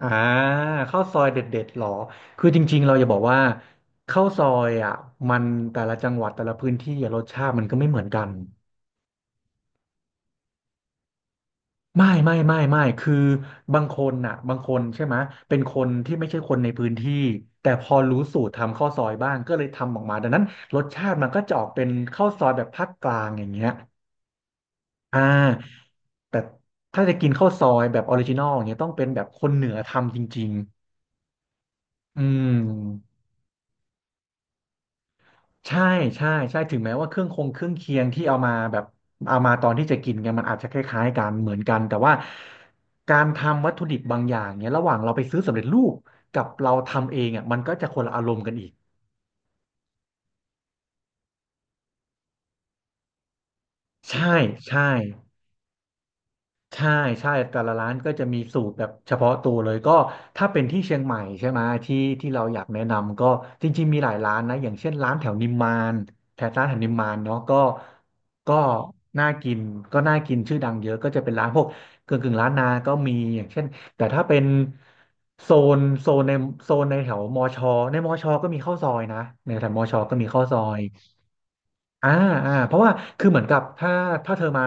อ่าข้าวซอยเด็ดๆหรอคือจริงๆเราจะบอกว่าข้าวซอยมันแต่ละจังหวัดแต่ละพื้นที่อะรสชาติมันก็ไม่เหมือนกันไม่คือบางคนบางคนใช่ไหมยเป็นคนที่ไม่ใช่คนในพื้นที่แต่พอรู้สูตรทำข้าวซอยบ้างก็เลยทำออกมาดังนั้นรสชาติมันก็จะออกเป็นข้าวซอยแบบภาคกลางอย่างเงี้ยอ่าแต่ถ้าจะกินข้าวซอยแบบออริจินอลอย่างเงี้ยต้องเป็นแบบคนเหนือทำจริงๆอืม ใช่ใช่ใช่ถึงแม้ว่าเครื่องเคียงที่เอามาแบบเอามาตอนที่จะกินกันมันอาจจะคล้ายๆกันเหมือนกันแต่ว่าการทำวัตถุดิบบางอย่างเนี้ยระหว่างเราไปซื้อสำเร็จรูปกับเราทำเองมันก็จะคนละอารมณ์กันอีกใช่ใช่ ใช่ใช่แต่ละร้านก็จะมีสูตรแบบเฉพาะตัวเลยก็ถ้าเป็นที่เชียงใหม่ใช่ไหมที่ที่เราอยากแนะนำก็จริงๆมีหลายร้านนะอย่างเช่นร้านแถวนิมมานแถวนิมมานเนาะก็ก็น่ากินก็น่ากินชื่อดังเยอะก็จะเป็นร้านพวกกึ่งร้านนาก็มีอย่างเช่นแต่ถ้าเป็นโซนโซนในโซนในแถวมอชอในมอชอก็มีข้าวซอยนะในแถวมอชอก็มีข้าวซอย อ่าเพราะว่าคือเหมือนกับถ้าเธอมา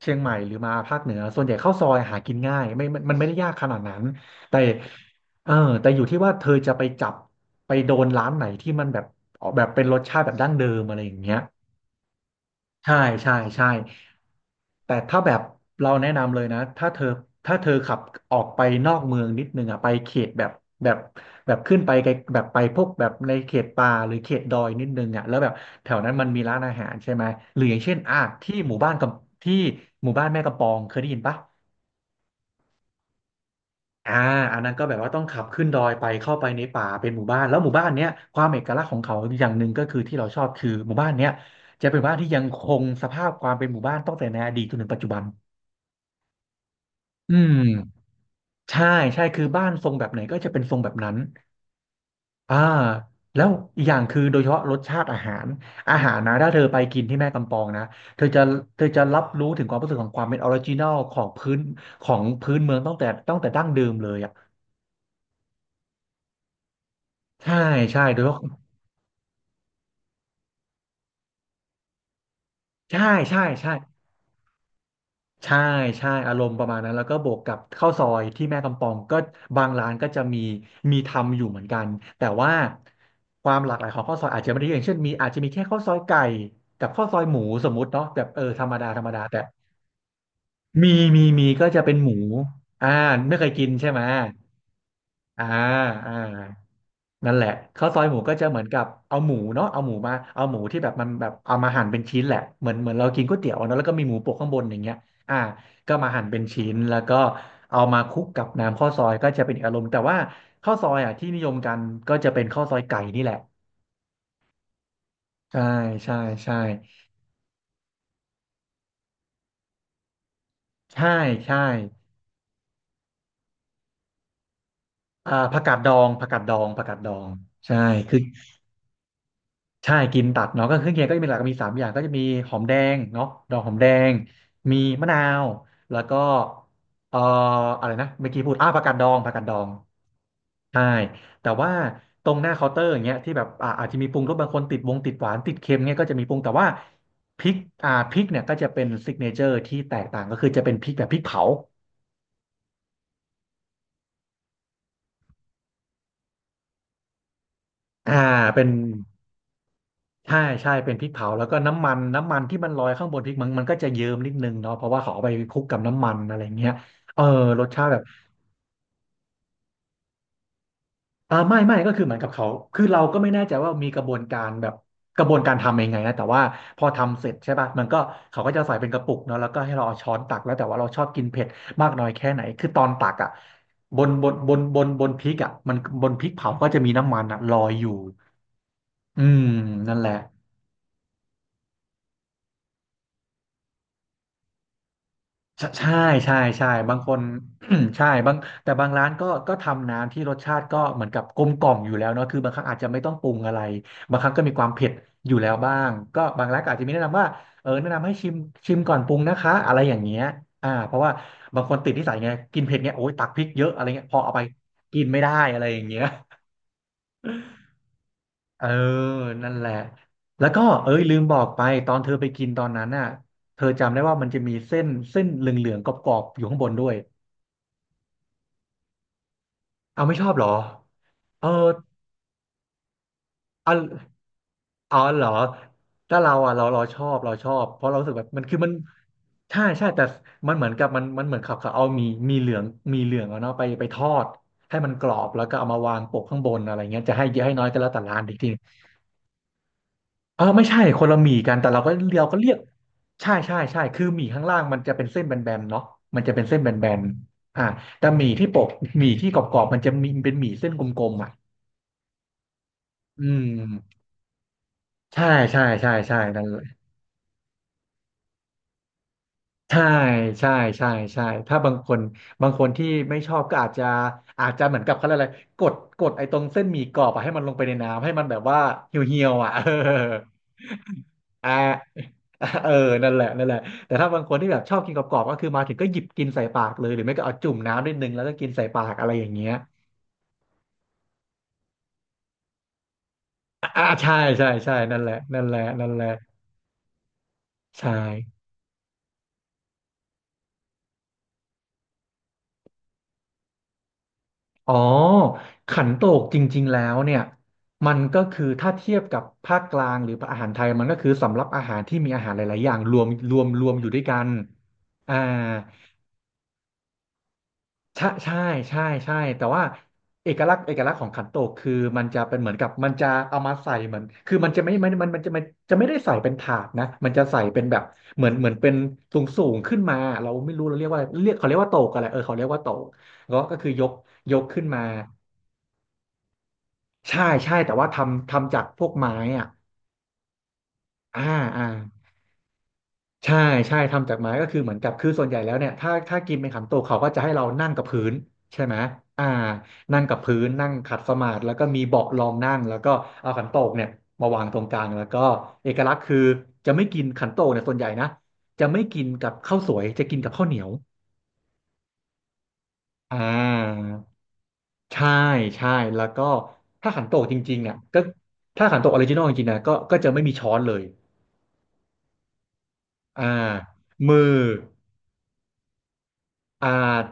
เชียงใหม่หรือมาภาคเหนือส่วนใหญ่ข้าวซอยหากินง่ายไม่มันไม่ได้ยากขนาดนั้นแต่เออแต่อยู่ที่ว่าเธอจะไปจับไปโดนร้านไหนที่มันแบบออกแบบเป็นรสชาติแบบดั้งเดิมอะไรอย่างเงี้ย ใช่ใช่ใช่แต่ถ้าแบบเราแนะนำเลยนะถ้าเธอขับออกไปนอกเมืองนิดนึงไปเขตแบบแบบขึ้นไปไกลแบบไปพวกแบบในเขตป่าหรือเขตดอยนิดนึงแล้วแบบแถวนั้นมันมีร้านอาหารใช่ไหมหรืออย่างเช่นที่หมู่บ้านกับที่หมู่บ้านแม่กำปองเคยได้ยินปะ อ่าอันนั้นก็แบบว่าต้องขับขึ้นดอยไปเข้าไปในป่าเป็นหมู่บ้านแล้วหมู่บ้านเนี้ยความเอกลักษณ์ของเขาอย่างหนึ่งก็คือที่เราชอบคือหมู่บ้านเนี้ยจะเป็นหมู่บ้านที่ยังคงสภาพความเป็นหมู่บ้านตั้งแต่ในอดีตจนถึงปัจจุบันอืมใช่คือบ้านทรงแบบไหนก็จะเป็นทรงแบบนั้นอ่าแล้วอีกอย่างคือโดยเฉพาะรสชาติอาหารอาหารนะถ้าเธอไปกินที่แม่กำปองนะเธอจะรับรู้ถึงความรู้สึกของความเป็นออริจินอลของพื้นของพื้นเมืองตั้งแต่ดั้งเดิมเลยใช่ใช่โดยเฉพาะใช่ใช่ใช่ ใช่ใช่อารมณ์ประมาณนั้นแล้วก็บวกกับข้าวซอยที่แม่กำปองก็บางร้านก็จะมีทำอยู่เหมือนกันแต่ว่าความหลากหลายของข้าวซอยอาจจะไม่ได้เยอะอย่างเช่นมีอาจจะมีแค่ข้าวซอยไก่กับข้าวซอยหมูสมมุติเนาะแบบเออธรรมดาธรรมดาแต่มีก็จะเป็นหมูอ่าไม่เคยกินใช่ไหมอ่าอ่า นั่นแหละข้าวซอยหมูก็จะเหมือนกับเอาหมูเนาะเอาหมูมาเอาหมูที่แบบมันแบบเอามาหั่นเป็นชิ้นแหละเหมือนเรากินก๋วยเตี๋ยวเนาะแล้วก็มีหมูโปะข้างบนอย่างเงี้ยอ่าก็มาหั่นเป็นชิ้นแล้วก็เอามาคลุกกับน้ำข้าวซอยก็จะเป็นอีกอารมณ์แต่ว่าข้าวซอยที่นิยมกันก็จะเป็นข้าวซอยไก่นี่แหละใช่ใช่ใช่ใช่ใช่ผักกาดดองผักกาดดองใช่คือ ใช่กินตัดเนาะก็เครื่องเคียงก็จะมีหลักมีสามอย่างก็จะมีหอมแดงเนาะดอกหอมแดงมีมะนาวแล้วก็เอ่ออะไรนะเมื่อกี้พูดผักกาดดองใช่แต่ว่าตรงหน้าเคาน์เตอร์อย่างเงี้ยที่แบบอาจจะมีปรุงรสบางคนติดวงติดหวานติดเค็มเงี้ยก็จะมีปรุงแต่ว่าพริกพริกเนี่ยก็จะเป็นซิกเนเจอร์ที่แตกต่างก็คือจะเป็นพริกแบบพริกเผาอ่าเป็น ใช่ใช่เป็นพริกเผาแล้วก็น้ำมันที่มันลอยข้างบนพริกมันก็จะเยิ้มนิดนึงเนาะเพราะว่าเขาเอาไปคลุกกับน้ำมันอะไรเงี้ยเออรสชาติแบบไม่ก็คือเหมือนกับเขาคือเราก็ไม่แน่ใจว่ามีกระบวนการแบบกระบวนการทำยังไงนะแต่ว่าพอทำเสร็จใช่ป่ะมันก็เขาก็จะใส่เป็นกระปุกเนาะแล้วก็ให้เราเอาช้อนตักแล้วแต่ว่าเราชอบกินเผ็ดมากน้อยแค่ไหนคือตอนตักอ่ะบนพริกอ่ะมันบนพริกเผาก็จะมีน้ำมันอ่ะลอยอยู่อืมนั่นแหละ ใช่ใช่ใช่ใช่บางคน ใช่บางแต่บางร้านก็ทำน้ำที่รสชาติก็เหมือนกับกลมกล่อมอยู่แล้วเนาะคือบางครั้งอาจจะไม่ต้องปรุงอะไรบางครั้งก็มีความเผ็ดอยู่แล้วบ้างก็บางร้านก็อาจจะมีแนะนำว่าเออแนะนำให้ชิมก่อนปรุงนะคะอะไรอย่างเงี้ยอ่าเพราะว่าบางคนติดนิสัยไงกินเผ็ดไงโอ๊ยตักพริกเยอะอะไรเงี้ยพอเอาไปกินไม่ได้อะไรอย่างเงี้ย เออนั่นแหละแล้วก็เอ้ยลืมบอกไปตอนเธอไปกินตอนนั้นน่ะเธอจำได้ว่ามันจะมีเส้นเหลืองๆกรอบๆอยู่ข้างบนด้วย เอาไม่ชอบเหรอเออเอาเอาเหรอถ้าเราอ่ะเราชอบเราชอบเพราะเรารู้สึกแบบมันคือมันใช่ใช่แต่มันเหมือนกับมันเหมือนเขาเอามีมีเหลืองมีเหลืองเอาเนาะไปทอดให้มันกรอบแล้วก็เอามาวางโปะข้างบนอะไรเงี้ยจะให้เยอะให้น้อยก็แล้วแต่ร้านอีกทีเออไม่ใช่คนละหมี่กันแต่เราก็เรียกใช่ใช่ใช่คือหมี่ข้างล่างมันจะเป็นเส้นแบนๆเนาะมันจะเป็นเส้นแบนๆอ่าแต่หมี่ที่ปกหมี่ที่กรอบๆมันจะมีเป็นหมี่เส้นกลมๆอ่ะอืม ใช่ใช่ใช่ใช่นั่นเลยใช่ใช่ใช่ใช่ถ้าบางคนบางคนที่ไม่ชอบก็อาจจะอาจจะเหมือนกับเขาเรียกอะไรกดไอ้ตรงเส้นหมี่กรอบอะให้มันลงไปในน้ำให้มันแบบว่าเหี่ยวอ่ะ เอออ่า เออนั่นแหละนั่นแหละแต่ถ้าบางคนที่แบบชอบกินกรอบๆก็คือมาถึงก็หยิบกินใส่ปากเลยหรือไม่ก็เอาจุ่มน้ำนิดนึงแล้วก็กินใส่ปากอะไรอย่างเงี้ยอ่าใช่ใช่ใช่นั่นแหละนั่นแหละนั่นแหละใช่ อ๋อขันโตกจริงๆแล้วเนี่ยมันก็คือถ้าเทียบกับภาคกลางหรืออาหารไทยมันก็คือสำรับอาหารที่มีอาหารหลายๆอย่างรวมอยู่ด้วยกันอ่าใช่ใช่ใช่ใช่แต่ว่าเอกลักษณ์ของขันโตกคือมันจะเป็นเหมือนกับมันจะเอามาใส่เหมือนคือมันจะไม่มันจะไม่ได้ใส่เป็นถาดนะมันจะใส่เป็นแบบเหมือนเป็นสูงขึ้นมาเราไม่รู้เราเรียกว่าเรียกเขาเรียกว่าโตกอะไรเออเขาเรียกว่าโตกก็คือยกยกขึ้นมา ใช่ใช่แต่ว่าทำจากพวกไม้อ่ะอ่าอ่าใช่ใช่ทำจากไม้ก็คือเหมือนกับคือส่วนใหญ่แล้วเนี่ยถ้ากินเป็นขันโตกเขาก็จะให้เรานั่งกับพื้นใช่ไหมอ่านั่งกับพื้นนั่งขัดสมาธิแล้วก็มีเบาะรองนั่งแล้วก็เอาขันโตกเนี่ยมาวางตรงกลางแล้วก็เอกลักษณ์คือจะไม่กินขันโตกเนี่ยส่วนใหญ่นะจะไม่กินกับข้าวสวยจะกินกับข้าวเหนียวอ่าใช่ใช่แล้วก็ถ้าขันโตกจริงๆเนี่ยก็ถ้าขันโตกออริจินอลจริงๆนะก็จะไม่มีช้อนเลย อ่ามืออ่า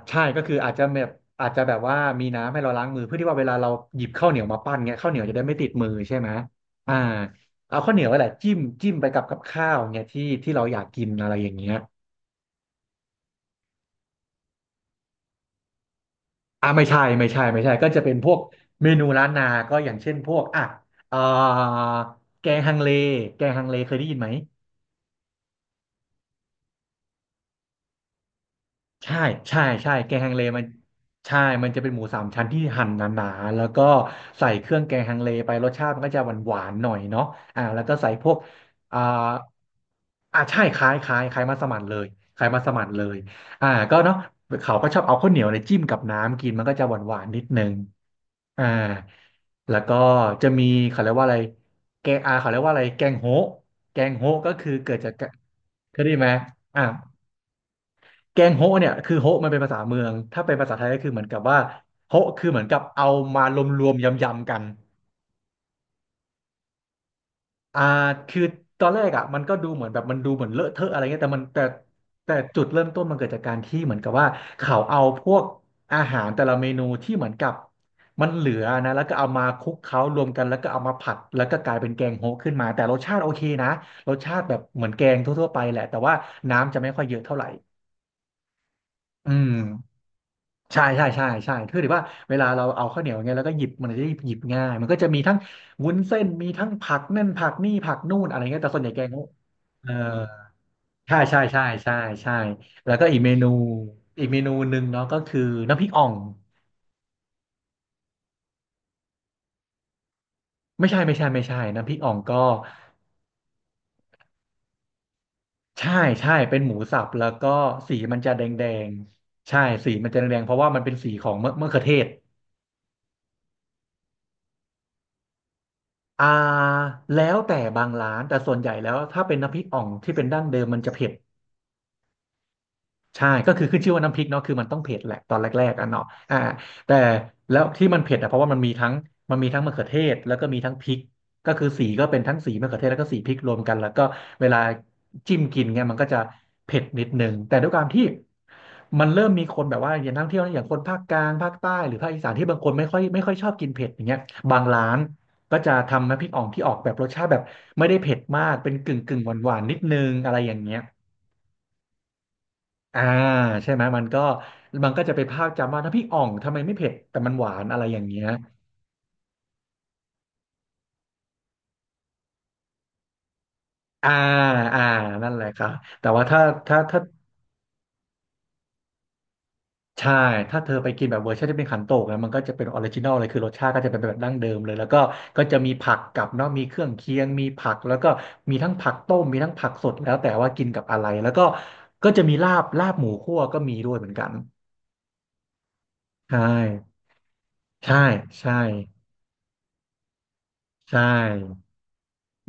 ใช่ก็คืออาจจะแบบอาจจะแบบว่ามีน้ำให้เราล้างมือเพื่อที่ว่าเวลาเราหยิบข้าวเหนียวมาปั้นเงี้ยข้าวเหนียวจะได้ไม่ติดมือใช่ไหมอ่าเอาข้าวเหนียวไว้แหละจิ้มไปกับกับข้าวเงี้ยที่เราอยากกินอะไรอย่างเงี้ยไม่ใช่ก็จะเป็นพวกเมนูล้านนาก็อย่างเช่นพวกอ่ะเอ่อแกงฮังเลแกงฮังเลเคยได้ยินไหม ใช่ใช่ใช่แกงฮังเลมันใช่มันจะเป็นหมูสามชั้นที่หั่นหนาๆแล้วก็ใส่เครื่องแกงฮังเลไปรสชาติมันก็จะหวานๆหน่อยเนาะอ่าแล้วก็ใส่พวกอ่าอ่าใช่คล้ายมัสมั่นเลยคล้ายมัสมั่นเลยอ่าก็เนาะเขาก็ชอบเอาข้าวเหนียวเนี่ยจิ้มกับน้ำกินมันก็จะหวานๆนิดนึงอ่าแล้วก็จะมีเขาเรียกว่าอะไรแกงอาเขาเรียกว่าอะไรแกงโฮะแกงโฮะก็คือเกิดจากกะเคยได้ยินไหมอ่า แกงโฮะเนี่ยคือโฮะมันเป็นภาษาเมืองถ้าเป็นภาษาไทยก็คือเหมือนกับว่าโฮะคือเหมือนกับเอามารวมๆยำๆกันอ่าคือตอนแรกอ่ะมันก็ดูเหมือนแบบมันดูเหมือนเลอะเทอะอะไรเงี้ยแต่มันแต่แต่จุดเริ่มต้นมันเกิดจากการที่เหมือนกับว่าเขาเอาพวกอาหารแต่ละเมนูที่เหมือนกับมันเหลือนะแล้วก็เอามาคลุกเคล้ารวมกันแล้วก็เอามาผัดแล้วก็กลายเป็นแกงโฮะขึ้นมาแต่รสชาติโอเคนะรสชาติแบบเหมือนแกงทั่วๆไปแหละแต่ว่าน้ำจะไม่ค่อยเยอะเท่าไหร่อืม ใช่ใช่ใช่ใช่คือถือว่าเวลาเราเอาข้าวเหนียวอย่างเงี้ยแล้วก็หยิบมันจะได้หยิบง่าย มันก็จะมีทั้งวุ้นเส้นมีทั้งผักนั่นผักนี่ผักนู่นอะไรเงี้ยแต่ส่วนใหญ่แกงเขาเออใช่ใช่ใช่ใช่ใช่แล้วก็อีกเมนูอีกเมนูหนึ่งเนาะก็คือน้ำพริกอ่องไม่ใช่ไม่ใช่ไม่ใช่น้ำพริกอ่องก็ใช่ใช่เป็นหมูสับแล้วก็สีมันจะแดงแดงใช่สีมันจะแดงแดงเพราะว่ามันเป็นสีของมะเขือเทศอ่าแล้วแต่บางร้านแต่ส่วนใหญ่แล้วถ้าเป็นน้ำพริกอ่องที่เป็นดั้งเดิมมันจะเผ็ด ใช่ก็คือขึ้นชื่อว่าน้ำพริกเนาะคือมันต้องเผ็ดแหละตอนแรกๆอ่ะเนาะอ่าแต่แล้วที่มันเผ็ดอ่ะเพราะว่ามันมีทั้งมะเขือเทศแล้วก็มีทั้งพริกก็คือสีก็เป็นทั้งสีมะเขือเทศแล้วก็สีพริกรวมกันแล้วก็เวลาจิ้มกินเนี่ยมันก็จะเผ็ดนิดนึงแต่ด้วยความที่มันเริ่มมีคนแบบว่าอย่างนักท่องเที่ยวอย่างคนภาคกลางภาคใต้หรือภาคอีสานที่บางคนไม่ค่อยชอบกินเผ็ดอย่างเงี้ยบางร้านก็จะทำน้ำพริกอ่องที่ออกแบบรสชาติแบบไม่ได้เผ็ดมากเป็นกึ่งหวานๆนนิดนึงอะไรอย่างเงี้ย อ่าใช่ไหมมันก็จะเป็นภาพจำว่าน้ำพริกอ่องทำไมไม่เผ็ดแต่มันหวานอะไรอย่างเงี้ยอ่าอ่านั่นแหละครับแต่ว่าถ้าใช่ถ้าเธอไปกินแบบเวอร์ชันที่เป็นขันโตกนะมันก็จะเป็นออริจินอลเลยคือรสชาติก็จะเป็นแบบดั้งเดิมเลยแล้วก็ก็จะมีผักกับเนาะมีเครื่องเคียงมีผักแล้วก็มีทั้งผักต้มมีทั้งผักสดแล้วแต่ว่ากินกับอะไรแล้วก็ก็จะมีลาบหมูคั่วก็มีด้วยเหมือนกันใช่ใช่ใช่ใช่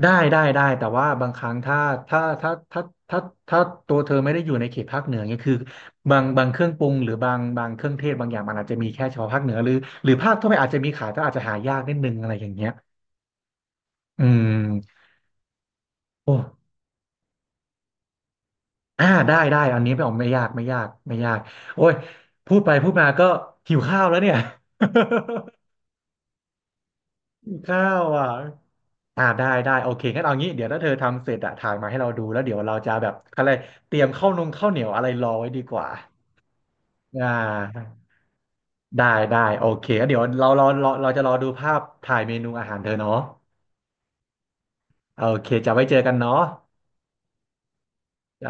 ได้ได้ได้แต่ว่าบางครั้งถ้าถ้าถ้าถ้าถ้าตัวเธอไม่ได้อยู่ในเขตภาคเหนือเนี่ยคือบางเครื่องปรุงหรือบางเครื่องเทศบางอย่างมันอาจจะมีแค่เฉพาะภาคเหนือหรือภาคทั่วไปอาจจะมีขายแต่อาจจะหายากนิดนึงอะไรอย่างเงี้ยอืมโอ้อ่าได้ได้อันนี้ไม่ออกไม่ยากโอ้ยพูดไปพูดมาก็หิวข้าวแล้วเนี่ย ข้าวอ่ะอ่าได้ได้โอเคงั้นเอางี้เดี๋ยวถ้าเธอทำเสร็จอะถ่ายมาให้เราดูแล้วเดี๋ยวเราจะแบบอะไรเตรียมข้าวนงข้าวเหนียวอะไรรอไว้ดีกว่าอ่าได้ได้โอเคงั้นเดี๋ยวเราจะรอดูภาพถ่ายเมนูอาหารเธอเนาะโอเคจะไว้เจอกันเนาะจ้า